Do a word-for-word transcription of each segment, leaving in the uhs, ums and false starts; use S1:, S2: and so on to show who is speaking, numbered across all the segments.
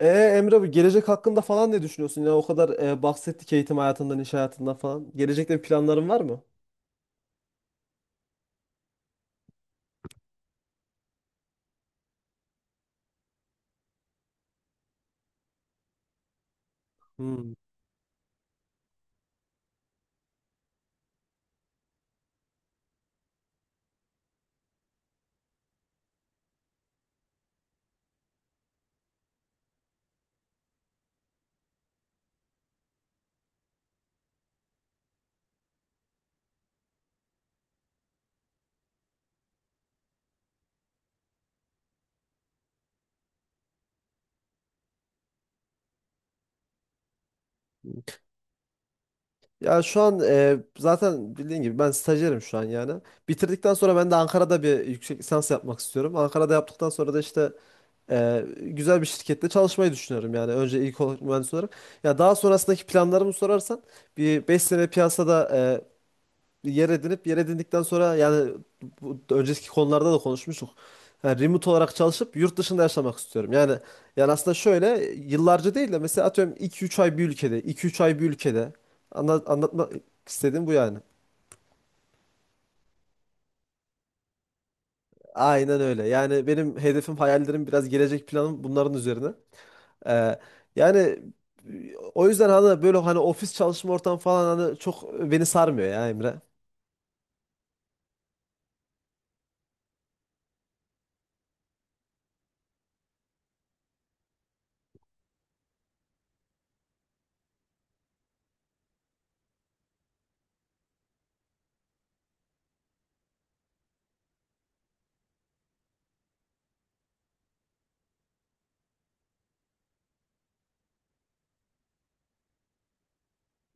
S1: E Emre abi, gelecek hakkında falan ne düşünüyorsun? Yani o kadar e, bahsettik, eğitim hayatından, iş hayatından falan. Gelecekte bir planların var mı? Hmm. Ya şu an e, zaten bildiğin gibi ben stajyerim şu an yani. Bitirdikten sonra ben de Ankara'da bir yüksek lisans yapmak istiyorum. Ankara'da yaptıktan sonra da işte e, güzel bir şirkette çalışmayı düşünüyorum yani. Önce ilk olarak mühendis olarak. Ya daha sonrasındaki planlarımı sorarsan bir beş sene piyasada e, yer edinip, yer edindikten sonra yani bu, önceki konularda da konuşmuştuk. Yani remote olarak çalışıp yurt dışında yaşamak istiyorum. Yani yani aslında şöyle, yıllarca değil de mesela atıyorum iki üç ay bir ülkede, iki üç ay bir ülkede, anla, anlatmak istediğim bu yani. Aynen öyle. Yani benim hedefim, hayallerim, biraz gelecek planım bunların üzerine. Ee, yani o yüzden hani böyle, hani ofis çalışma ortamı falan, hani çok beni sarmıyor ya Emre.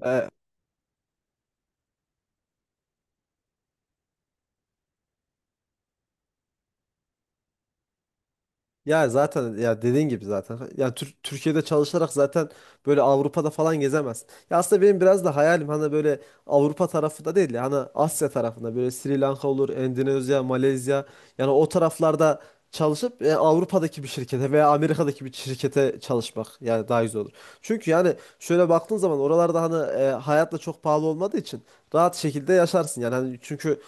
S1: Ee, Ya zaten, ya dediğin gibi zaten. Ya Tür- Türkiye'de çalışarak zaten böyle Avrupa'da falan gezemezsin. Ya aslında benim biraz da hayalim, hani böyle Avrupa tarafında değil de hani Asya tarafında, böyle Sri Lanka olur, Endonezya, Malezya, yani o taraflarda çalışıp e, Avrupa'daki bir şirkete veya Amerika'daki bir şirkete çalışmak yani daha güzel olur. Çünkü yani şöyle baktığın zaman oralarda hani e, hayatla çok pahalı olmadığı için rahat şekilde yaşarsın yani, hani çünkü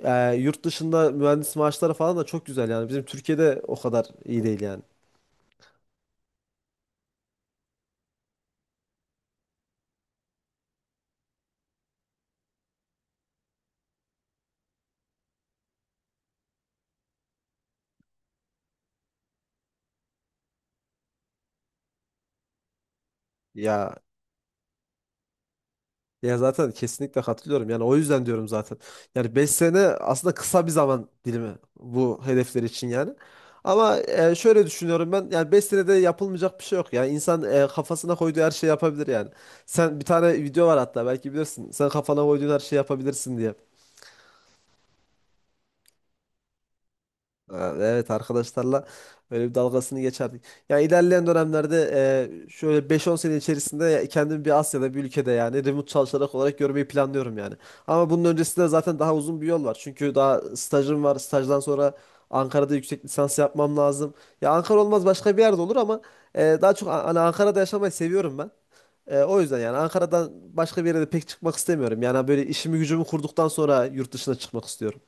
S1: ee, yurt dışında mühendis maaşları falan da çok güzel yani. Bizim Türkiye'de o kadar iyi değil yani. Ya ya zaten kesinlikle katılıyorum. Yani o yüzden diyorum zaten. Yani beş sene aslında kısa bir zaman dilimi bu hedefler için yani. Ama e, şöyle düşünüyorum ben. Yani beş senede yapılmayacak bir şey yok. Yani insan e, kafasına koyduğu her şeyi yapabilir yani. Sen, bir tane video var hatta, belki bilirsin. Sen kafana koyduğun her şeyi yapabilirsin diye. Ha, evet, arkadaşlarla böyle bir dalgasını geçerdik. Yani ilerleyen dönemlerde e, şöyle beş on sene içerisinde kendimi bir Asya'da bir ülkede, yani remote çalışarak olarak görmeyi planlıyorum yani. Ama bunun öncesinde zaten daha uzun bir yol var. Çünkü daha stajım var. Stajdan sonra Ankara'da yüksek lisans yapmam lazım. Ya Ankara olmaz, başka bir yerde olur ama e, daha çok hani Ankara'da yaşamayı seviyorum ben. E, o yüzden yani Ankara'dan başka bir yere de pek çıkmak istemiyorum. Yani böyle işimi gücümü kurduktan sonra yurt dışına çıkmak istiyorum.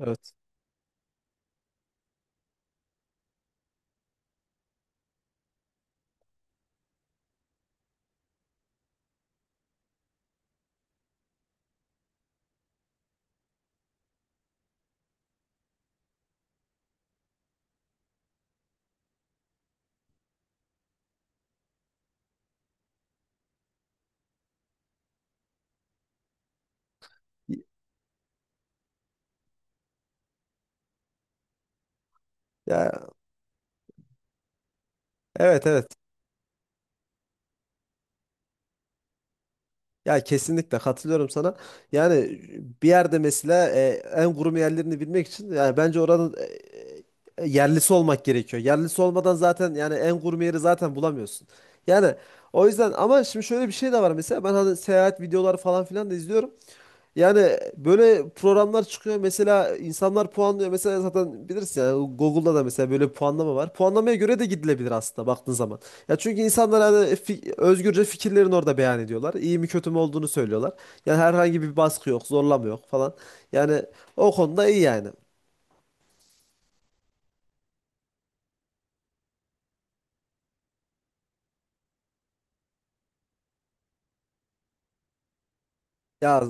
S1: Evet. Ya evet, evet. Ya kesinlikle katılıyorum sana. Yani bir yerde mesela e, en kurum yerlerini bilmek için, yani bence oranın e, e, yerlisi olmak gerekiyor. Yerlisi olmadan zaten yani en kurum yeri zaten bulamıyorsun. Yani o yüzden, ama şimdi şöyle bir şey de var. Mesela ben hani seyahat videoları falan filan da izliyorum. Yani böyle programlar çıkıyor. Mesela insanlar puanlıyor. Mesela zaten bilirsin yani, Google'da da mesela böyle bir puanlama var. Puanlamaya göre de gidilebilir aslında baktığın zaman. Ya çünkü insanlar hani fi- özgürce fikirlerini orada beyan ediyorlar. İyi mi kötü mü olduğunu söylüyorlar. Yani herhangi bir baskı yok, zorlama yok falan. Yani o konuda iyi yani. Ya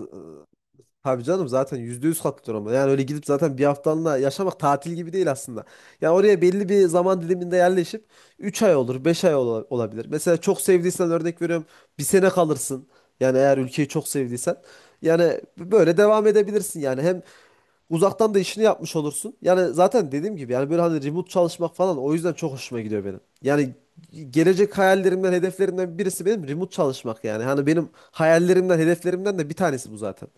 S1: tabii canım, zaten yüzde yüz katılıyorum. Yani öyle gidip zaten bir haftalığına yaşamak tatil gibi değil aslında. Yani oraya belli bir zaman diliminde yerleşip üç ay olur, beş ay ola- olabilir. Mesela çok sevdiysen, örnek veriyorum, bir sene kalırsın. Yani eğer ülkeyi çok sevdiysen. Yani böyle devam edebilirsin yani. Hem uzaktan da işini yapmış olursun. Yani zaten dediğim gibi, yani böyle hani remote çalışmak falan, o yüzden çok hoşuma gidiyor benim. Yani gelecek hayallerimden, hedeflerimden birisi benim remote çalışmak yani. Hani benim hayallerimden, hedeflerimden de bir tanesi bu zaten.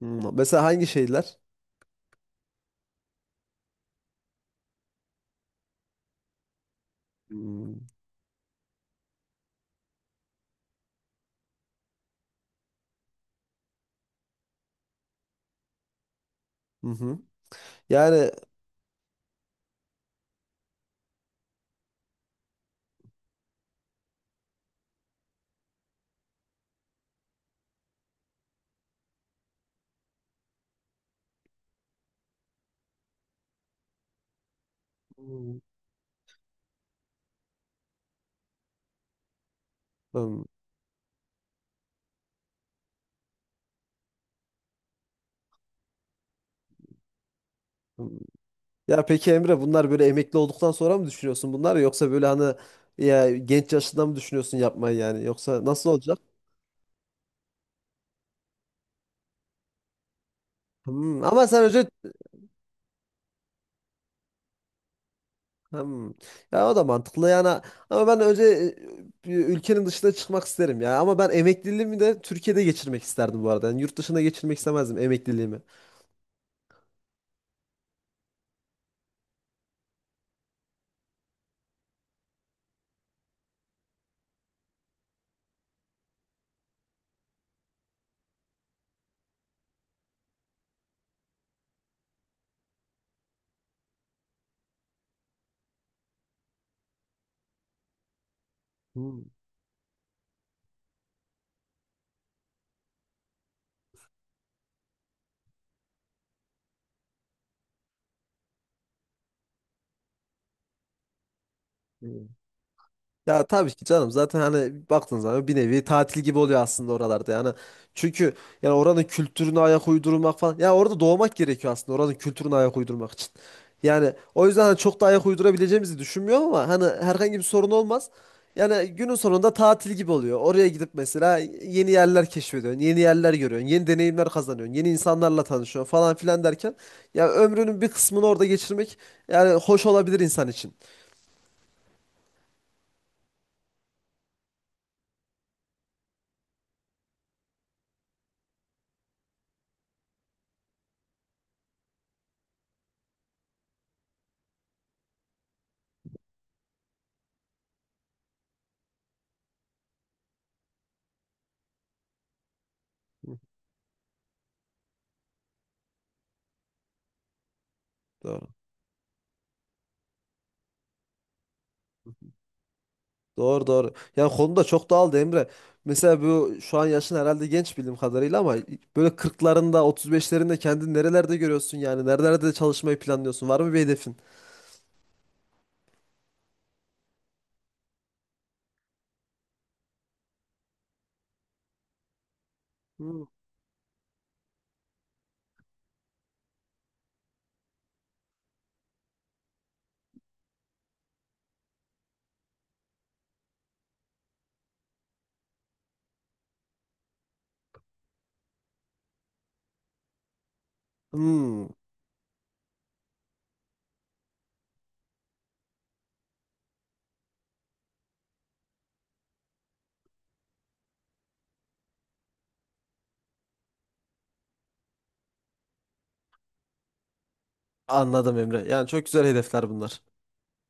S1: Hmm. Mesela hangi şeyler? Hmm. Hı hı. Yani. Hmm, hmm, hmm. Ya peki Emre, bunlar böyle emekli olduktan sonra mı düşünüyorsun bunlar, yoksa böyle hani, ya genç yaşında mı düşünüyorsun yapmayı yani, yoksa nasıl olacak? Hmm, ama sen önce. Hmm, ya o da mantıklı yani, ama ben önce e, bir ülkenin dışına çıkmak isterim ya, ama ben emekliliğimi de Türkiye'de geçirmek isterdim bu arada yani, yurt dışına geçirmek istemezdim emekliliğimi. Hmm. Evet. Ya tabii ki canım, zaten hani baktığın zaman bir nevi tatil gibi oluyor aslında oralarda yani. Çünkü yani oranın kültürüne ayak uydurmak falan. Ya orada doğmak gerekiyor aslında oranın kültürüne ayak uydurmak için. Yani o yüzden hani çok da ayak uydurabileceğimizi düşünmüyorum, ama hani herhangi bir sorun olmaz. Yani günün sonunda tatil gibi oluyor. Oraya gidip mesela yeni yerler keşfediyorsun, yeni yerler görüyorsun, yeni deneyimler kazanıyorsun, yeni insanlarla tanışıyorsun falan filan derken, ya ömrünün bir kısmını orada geçirmek yani hoş olabilir insan için. Hı. Doğru. Doğru, doğru. Yani konu da çok dağıldı Emre. Mesela bu şu an yaşın herhalde genç bildiğim kadarıyla, ama böyle kırklarında, otuz beşlerinde kendini nerelerde görüyorsun yani? Nerelerde çalışmayı planlıyorsun? Var mı bir hedefin? Hmm. Hmm, anladım Emre. Yani çok güzel hedefler bunlar.